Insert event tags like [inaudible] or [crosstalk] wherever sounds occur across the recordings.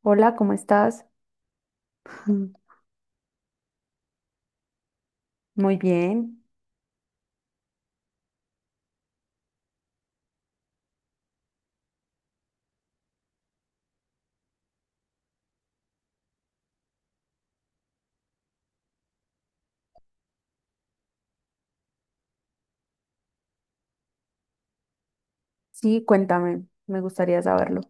Hola, ¿cómo estás? [laughs] Muy bien. Sí, cuéntame, me gustaría saberlo.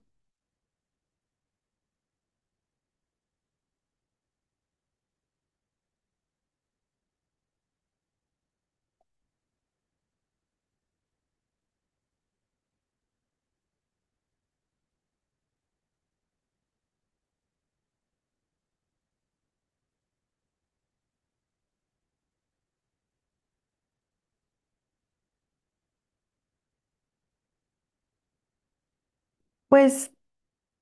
Pues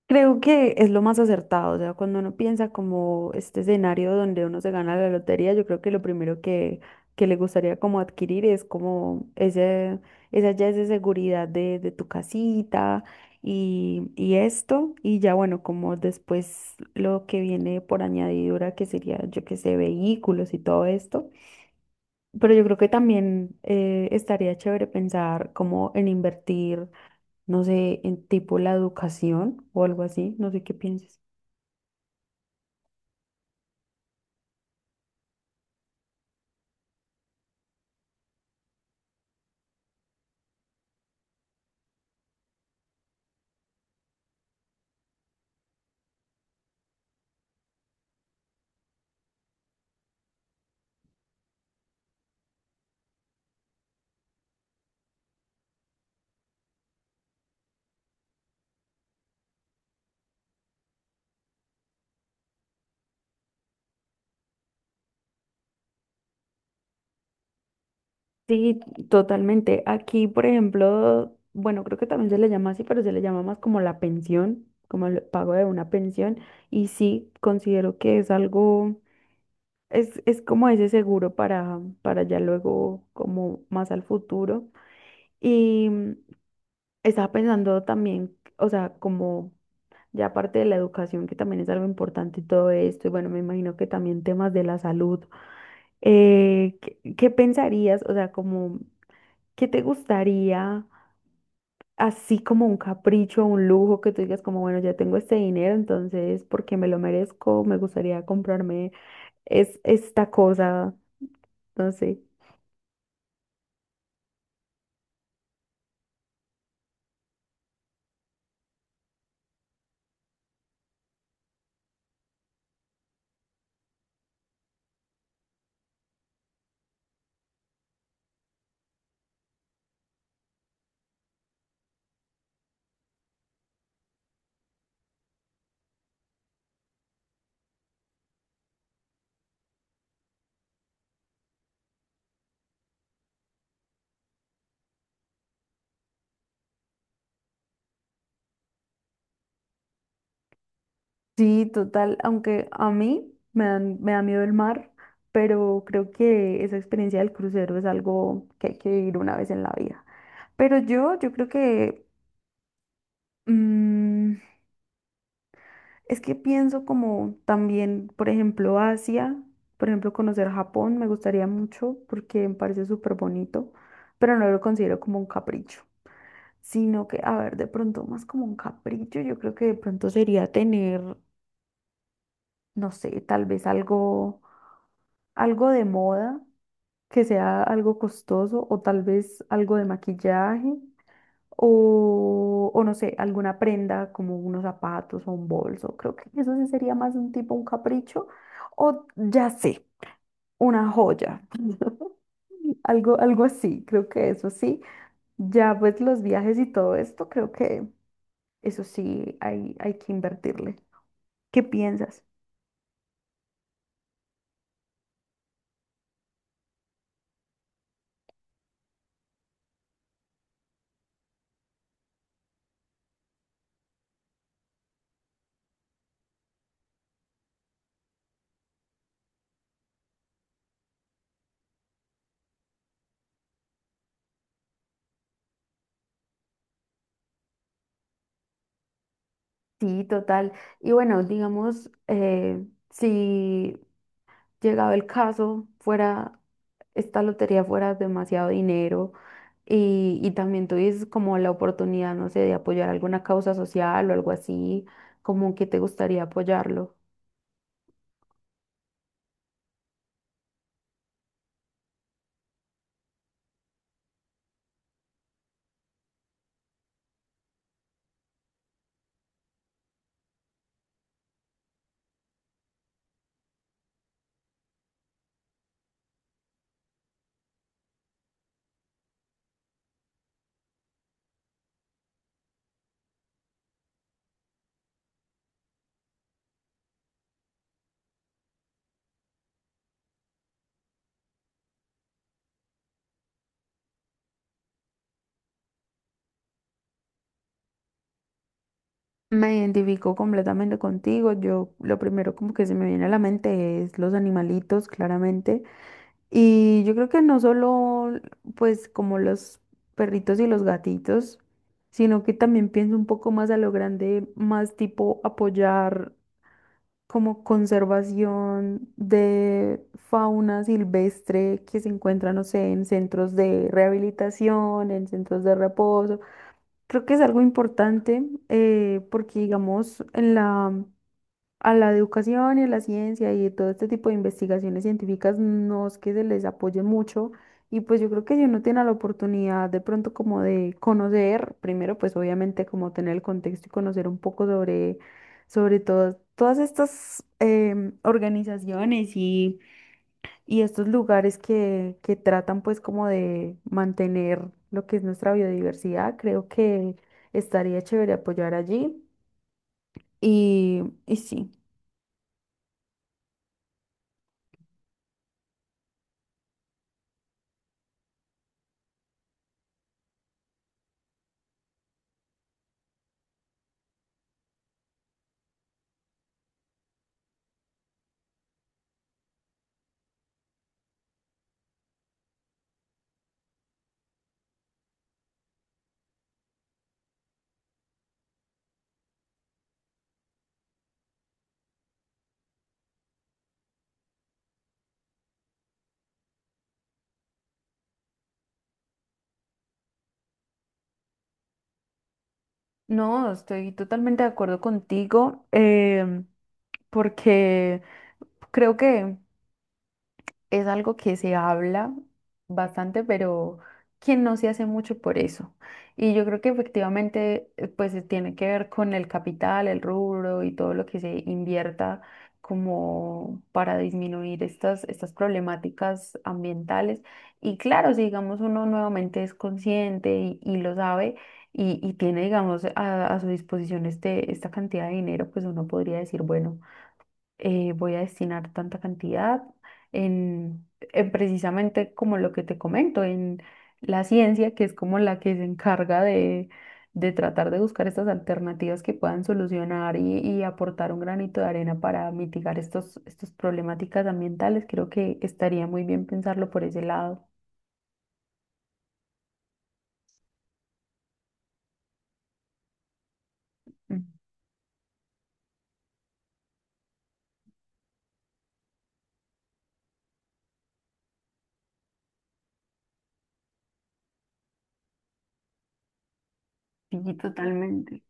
creo que es lo más acertado, o sea, cuando uno piensa como este escenario donde uno se gana la lotería, yo creo que lo primero que le gustaría como adquirir es como esa ya esa seguridad de tu casita y esto, y ya bueno, como después lo que viene por añadidura, que sería, yo que sé, vehículos y todo esto. Pero yo creo que también estaría chévere pensar como en invertir, no sé, en tipo la educación o algo así, no sé qué pienses. Sí, totalmente. Aquí, por ejemplo, bueno, creo que también se le llama así, pero se le llama más como la pensión, como el pago de una pensión. Y sí, considero que es algo, es como ese seguro para ya luego, como más al futuro. Y estaba pensando también, o sea, como... Ya aparte de la educación, que también es algo importante y todo esto, y bueno, me imagino que también temas de la salud. Qué pensarías? O sea, como, ¿qué te gustaría, así como un capricho, un lujo, que tú digas como, bueno, ya tengo este dinero, entonces, porque me lo merezco, me gustaría comprarme esta cosa, no sé. Sí, total, aunque a mí me da miedo el mar, pero creo que esa experiencia del crucero es algo que hay que vivir una vez en la vida. Pero yo creo que mm, es que pienso como también, por ejemplo, Asia, por ejemplo, conocer Japón me gustaría mucho porque me parece súper bonito, pero no lo considero como un capricho, sino que, a ver, de pronto más como un capricho, yo creo que de pronto sería tener no sé, tal vez algo, algo de moda, que sea algo costoso, o tal vez algo de maquillaje, o no sé, alguna prenda como unos zapatos o un bolso. Creo que eso sí sería más un tipo, un capricho, o ya sé, una joya. [laughs] Algo, algo así, creo que eso sí. Ya pues los viajes y todo esto, creo que eso sí hay que invertirle. ¿Qué piensas? Sí, total. Y bueno, digamos, si llegado el caso, fuera, esta lotería fuera demasiado dinero y también tuvieses como la oportunidad, no sé, de apoyar alguna causa social o algo así, como que te gustaría apoyarlo. Me identifico completamente contigo. Yo lo primero como que se me viene a la mente es los animalitos, claramente. Y yo creo que no solo, pues, como los perritos y los gatitos, sino que también pienso un poco más a lo grande, más tipo apoyar como conservación de fauna silvestre que se encuentra, no sé, en centros de rehabilitación, en centros de reposo. Creo que es algo importante porque, digamos, en la a la educación y a la ciencia y todo este tipo de investigaciones científicas no es que se les apoye mucho y pues yo creo que si uno tiene la oportunidad de pronto como de conocer, primero pues obviamente como tener el contexto y conocer un poco sobre todo todas estas organizaciones y estos lugares que tratan pues como de mantener lo que es nuestra biodiversidad, creo que estaría chévere apoyar allí y sí. No, estoy totalmente de acuerdo contigo, em, porque creo que es algo que se habla bastante, pero que no se hace mucho por eso. Y yo creo que efectivamente, pues tiene que ver con el capital, el rubro y todo lo que se invierta como para disminuir estas problemáticas ambientales. Y claro, si digamos uno nuevamente es consciente y lo sabe y tiene, digamos, a su disposición esta cantidad de dinero, pues uno podría decir, bueno voy a destinar tanta cantidad en, en precisamente como lo que te comento, en la ciencia, que es como la que se encarga de tratar de buscar estas alternativas que puedan solucionar y aportar un granito de arena para mitigar estas problemáticas ambientales. Creo que estaría muy bien pensarlo por ese lado. Mm. Sí, totalmente.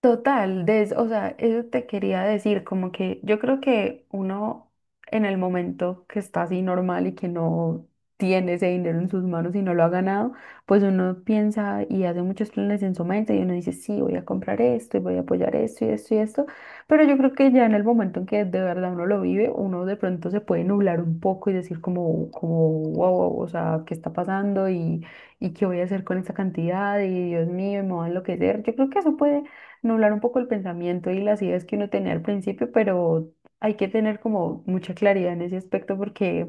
Total, o sea, eso te quería decir, como que yo creo que uno en el momento que está así normal y que no tiene ese dinero en sus manos y no lo ha ganado, pues uno piensa y hace muchos planes en su mente y uno dice, sí, voy a comprar esto y voy a apoyar esto y esto y esto, pero yo creo que ya en el momento en que de verdad uno lo vive, uno de pronto se puede nublar un poco y decir como, wow, wow, o sea, ¿qué está pasando? Y qué voy a hacer con esta cantidad y Dios mío, me voy a enloquecer. Yo creo que eso puede nublar un poco el pensamiento y las ideas que uno tenía al principio, pero hay que tener como mucha claridad en ese aspecto porque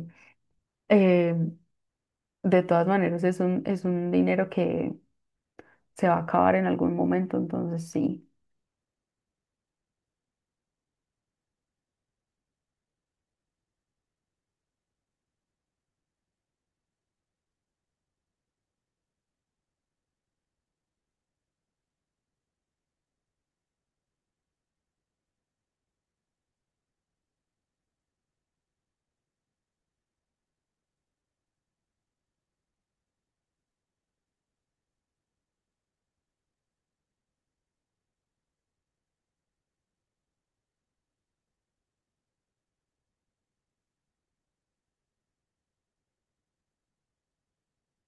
eh, de todas maneras es un dinero que se va a acabar en algún momento, entonces sí.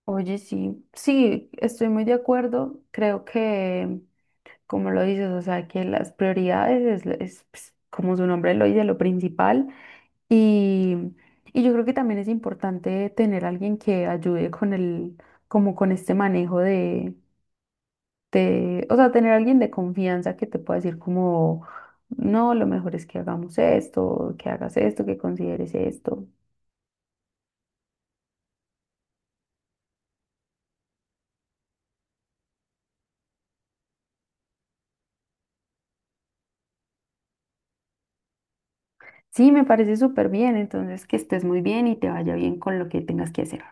Oye, sí, sí, estoy muy de acuerdo. Creo que, como lo dices, o sea, que las prioridades es, pues, como su nombre lo dice, lo principal. Y, y yo creo que también es importante tener alguien que ayude con el, como con este manejo de, te, o sea, tener alguien de confianza que te pueda decir como, no, lo mejor es que hagamos esto, que hagas esto, que consideres esto. Sí, me parece súper bien, entonces que estés muy bien y te vaya bien con lo que tengas que hacer.